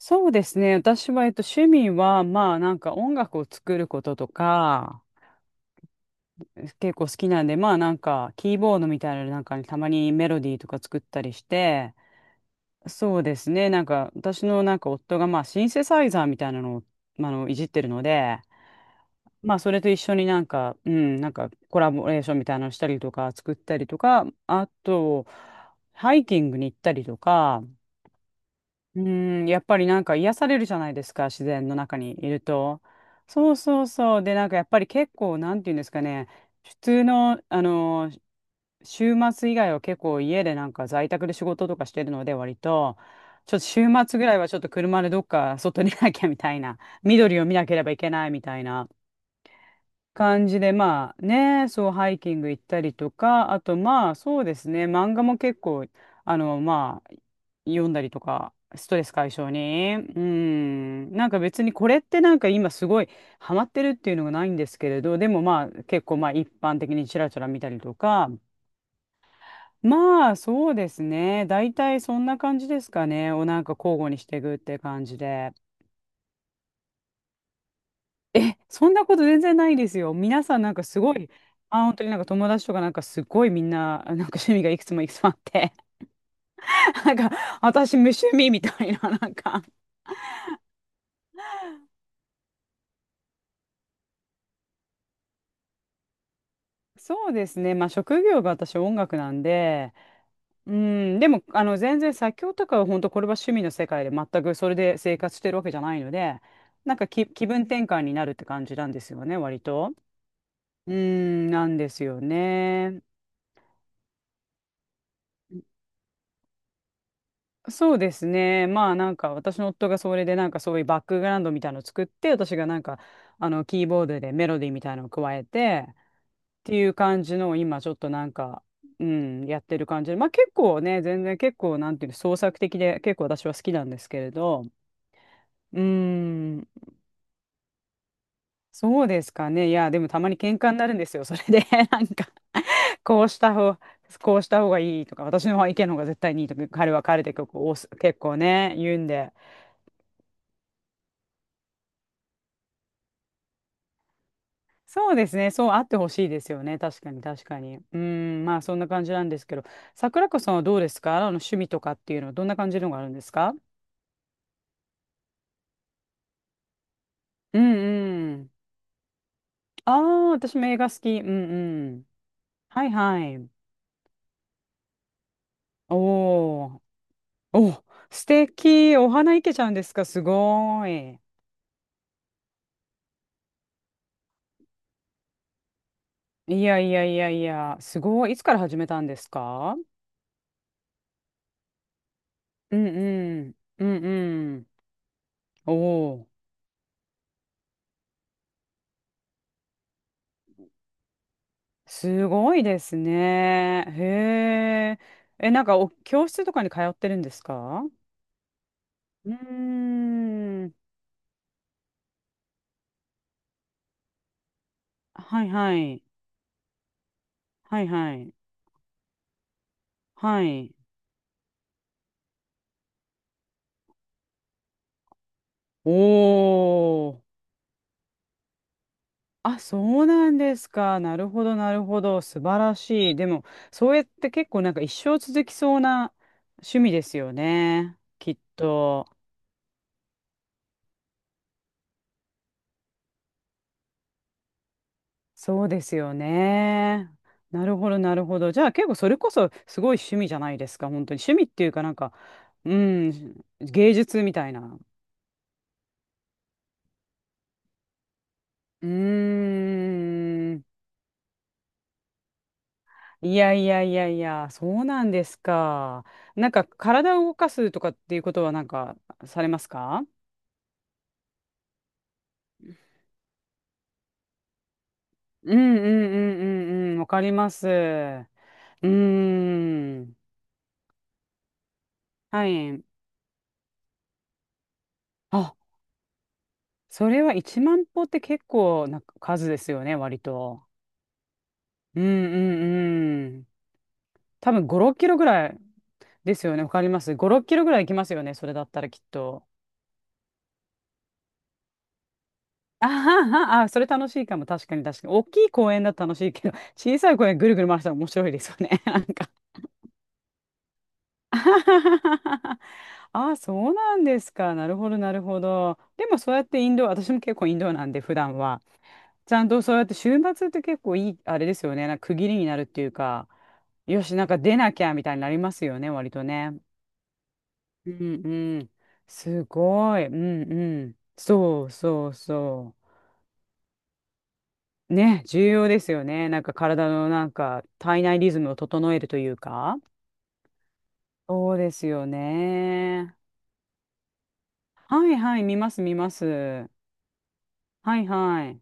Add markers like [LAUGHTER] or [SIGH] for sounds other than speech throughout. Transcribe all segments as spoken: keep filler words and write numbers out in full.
そうですね。私は、えっと、趣味は、まあ、なんか音楽を作ることとか、結構好きなんで、まあ、なんか、キーボードみたいなのなんかにたまにメロディーとか作ったりして、そうですね。なんか、私のなんか夫が、まあ、シンセサイザーみたいなのを、まああの、いじってるので、まあ、それと一緒になんか、うん、なんか、コラボレーションみたいなのしたりとか、作ったりとか、あと、ハイキングに行ったりとか、うん、やっぱりなんか癒されるじゃないですか、自然の中にいると。そうそうそう。で、なんかやっぱり結構、なんていうんですかね、普通の、あの、週末以外は結構家でなんか在宅で仕事とかしてるので、割と、ちょっと週末ぐらいはちょっと車でどっか外にいなきゃみたいな、緑を見なければいけないみたいな。感じで、まあね、そう、ハイキング行ったりとか、あとまあそうですね、漫画も結構、あの、まあ、読んだりとか、ストレス解消に。うん、なんか別にこれってなんか今すごいハマってるっていうのがないんですけれど、でもまあ結構まあ一般的にちらちら見たりとか、まあそうですね、大体そんな感じですかね、をなんか交互にしていくって感じで。え、そんなこと全然ないですよ。皆さんなんかすごい、あ、本当になんか友達とかなんかすごいみんな、なんか趣味がいくつもいくつもあって、[LAUGHS] なんか私無趣味みたいな、なんか。そうですね。まあ職業が私音楽なんで、うん、でもあの全然作曲とかは本当これは趣味の世界で全くそれで生活してるわけじゃないので、なんかき気分転換になるって感じなんですよね、割と。うん、なんですよね。そうですね。まあなんか私の夫がそれでなんかそういうバックグラウンドみたいなのを作って、私がなんかあのキーボードでメロディーみたいなのを加えてっていう感じのを今ちょっとなんか、うん、やってる感じで。まあ結構ね、全然結構なんていうの創作的で結構私は好きなんですけれど、うーん、そうですかね。いや、でもたまに喧嘩になるんですよ。それで [LAUGHS] なんかこうした方、こうした方がいいとか、私の意見の方が絶対にいいとか、彼は彼で結構、結構ね、言うんで。そうですね。そうあってほしいですよね。確かに、確かに。うーん、まあそんな感じなんですけど、桜子さんはどうですか？あの趣味とかっていうのはどんな感じのがあるんですか？うんうん。ああ、私も映画好き。うんうん。はいはい。おーお、素敵。お花いけちゃうんですか？すごーい。いやいやいやいや、すごい。いつから始めたんですか？うんうん。うんうん。おお。すごいですね。へえ。え、なんかお、教室とかに通ってるんですか？うーん。はいはい。はいはい。はい。おー。あ、そうなんですか。なるほど、なるほど。素晴らしい。でも、そうやって結構なんか一生続きそうな趣味ですよね。きっと。そうですよね。なるほど、なるほど。じゃあ結構それこそすごい趣味じゃないですか、本当に。趣味っていうかなんか、うん、芸術みたいな。うーん。いやいやいやいや、そうなんですか。なんか体を動かすとかっていうことはなんかされますか？うんうんうんうんうん、わかります。うーん。はい。あ、それはいちまん歩って結構な数ですよね、割と。うんうんうん。多分ご、ろっキロぐらいですよね。わかります。ご、ろっキロぐらい行きますよね。それだったらきっと。あはは、あ、それ楽しいかも。確かに確かに。大きい公園だと楽しいけど、[LAUGHS] 小さい公園ぐるぐる回したら面白いですよね。[LAUGHS] なんか。あははははあ、そうなんですか。なるほど、なるほど。でもそうやってインド、私も結構インドなんで、普段は。ちゃんとそうやって週末って結構いい、あれですよね。なんか区切りになるっていうか、よし、なんか出なきゃみたいになりますよね、割とね。うんうん。すごい。うんうん。そうそうそう。ね、重要ですよね。なんか体のなんか体内リズムを整えるというか。そうですよね。はいはい、見ます見ます。はいはい。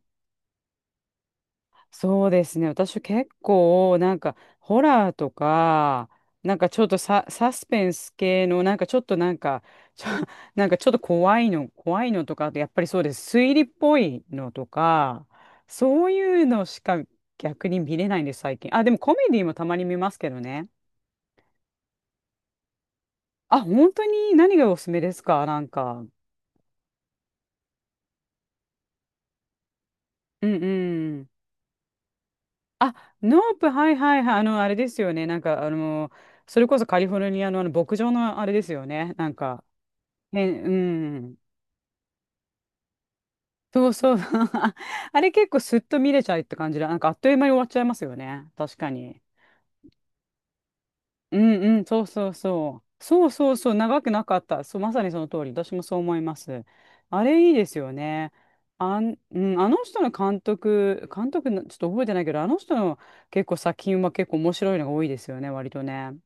そうですね。私結構、なんか、ホラーとか、なんかちょっとサ、サスペンス系の、なんかちょっとなんか、[LAUGHS] ちょ、なんかちょっと怖いの、怖いのとか、あとやっぱりそうです。推理っぽいのとか、そういうのしか逆に見れないんです、最近。あ、でもコメディもたまに見ますけどね。あ、本当に何がおすすめですか？なんか。うんうん。あ、ノープ、はいはいはい。あの、あれですよね。なんか、あの、それこそカリフォルニアのあの牧場のあれですよね。なんか、へん、うん。そうそう。[LAUGHS] あれ結構すっと見れちゃうって感じで、なんかあっという間に終わっちゃいますよね。確かに。うんうん、そうそうそう。そうそうそう、長くなかった。そう、まさにその通り。私もそう思います。あれいいですよね。あん、うん、あの人の監督、監督の、ちょっと覚えてないけど、あの人の結構作品は結構面白いのが多いですよね、割とね。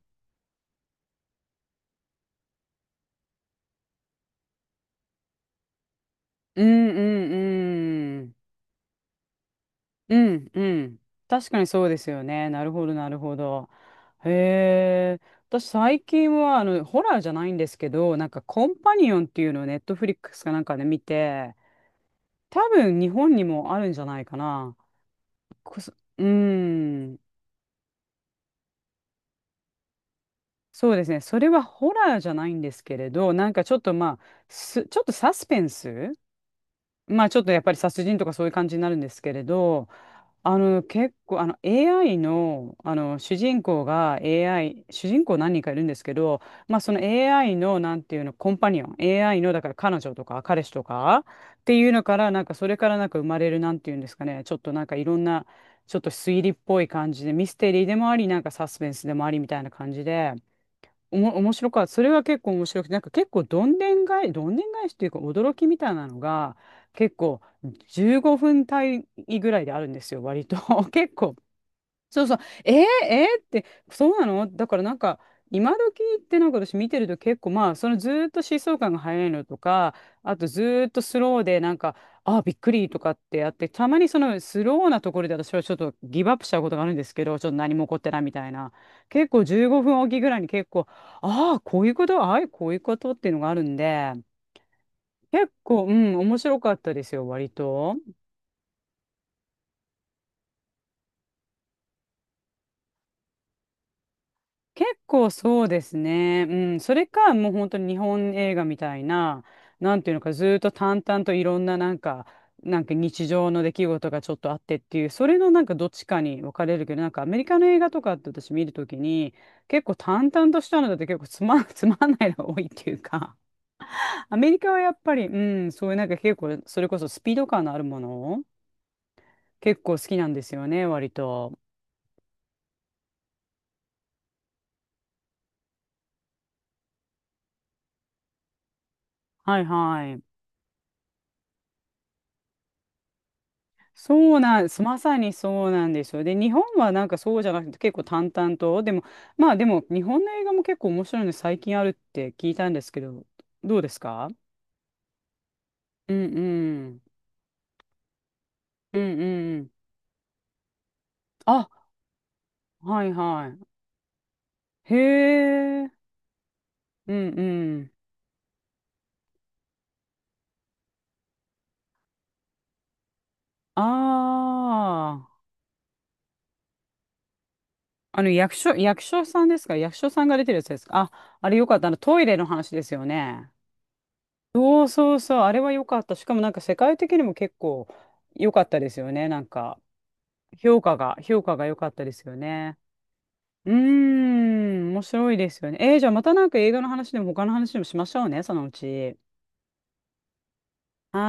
うんうんうん。うんうん。確かにそうですよね。なるほど、なるほど。へえ。私、最近は、あの、ホラーじゃないんですけど、なんか、コンパニオンっていうのをネットフリックスかなんかで見て、多分、日本にもあるんじゃないかな。こそ、うーん。そうですね。それはホラーじゃないんですけれど、なんかちょっとまあ、す、ちょっとサスペンスまあちょっとやっぱり殺人とかそういう感じになるんですけれど、あの結構あの エーアイ の、あの主人公が エーアイ、主人公何人かいるんですけど、まあその エーアイ のなんていうの、コンパニオン、エーアイ のだから彼女とか彼氏とかっていうのから、なんかそれからなんか生まれるなんていうんですかね、ちょっとなんかいろんな、ちょっと推理っぽい感じで、ミステリーでもあり、なんかサスペンスでもありみたいな感じで。おも、面白かった。それは結構面白くて、なんか結構どんでん返し、どんでん返しというか驚きみたいなのが結構じゅうごふん単位ぐらいであるんですよ、割と。[LAUGHS] 結構そうそう、えー、えーって、そうなのだからなんか、今時ってなんか私見てると結構まあ、そのずーっと疾走感が速いのとか、あとずーっとスローでなんか、あーびっくりとかってやって、たまにそのスローなところで私はちょっとギブアップしちゃうことがあるんですけど、ちょっと何も起こってないみたいな。結構じゅうごふんおきぐらいに結構、ああ、こういうこと、ああ、こういうことっていうのがあるんで、結構、うん、面白かったですよ、割と。結構そうですね。うん。それか、もう本当に日本映画みたいな、なんていうのか、ずーっと淡々といろんななんか、なんか日常の出来事がちょっとあってっていう、それのなんかどっちかに分かれるけど、なんかアメリカの映画とかって私見るときに、結構淡々としたのだと結構つまん、[LAUGHS] つまんないのが多いっていうか、アメリカはやっぱり、うん、そういうなんか結構、それこそスピード感のあるものを結構好きなんですよね、割と。はいはい。そうなん、すまさにそうなんですよ。で、日本はなんかそうじゃなくて結構淡々と、でも、まあでも日本の映画も結構面白いの最近あるって聞いたんですけど、どうですか？うんうん。うんうん。あ、はいはい。へえ。うんうん。ああ。あの役所、役所さんですか？役所さんが出てるやつですか？あ、あれよかった。あのトイレの話ですよね。そうそうそう。あれはよかった。しかもなんか世界的にも結構良かったですよね。なんか。評価が、評価が良かったですよね。うーん、面白いですよね。えー、じゃあまたなんか映画の話でも他の話でもしましょうね、そのうち。は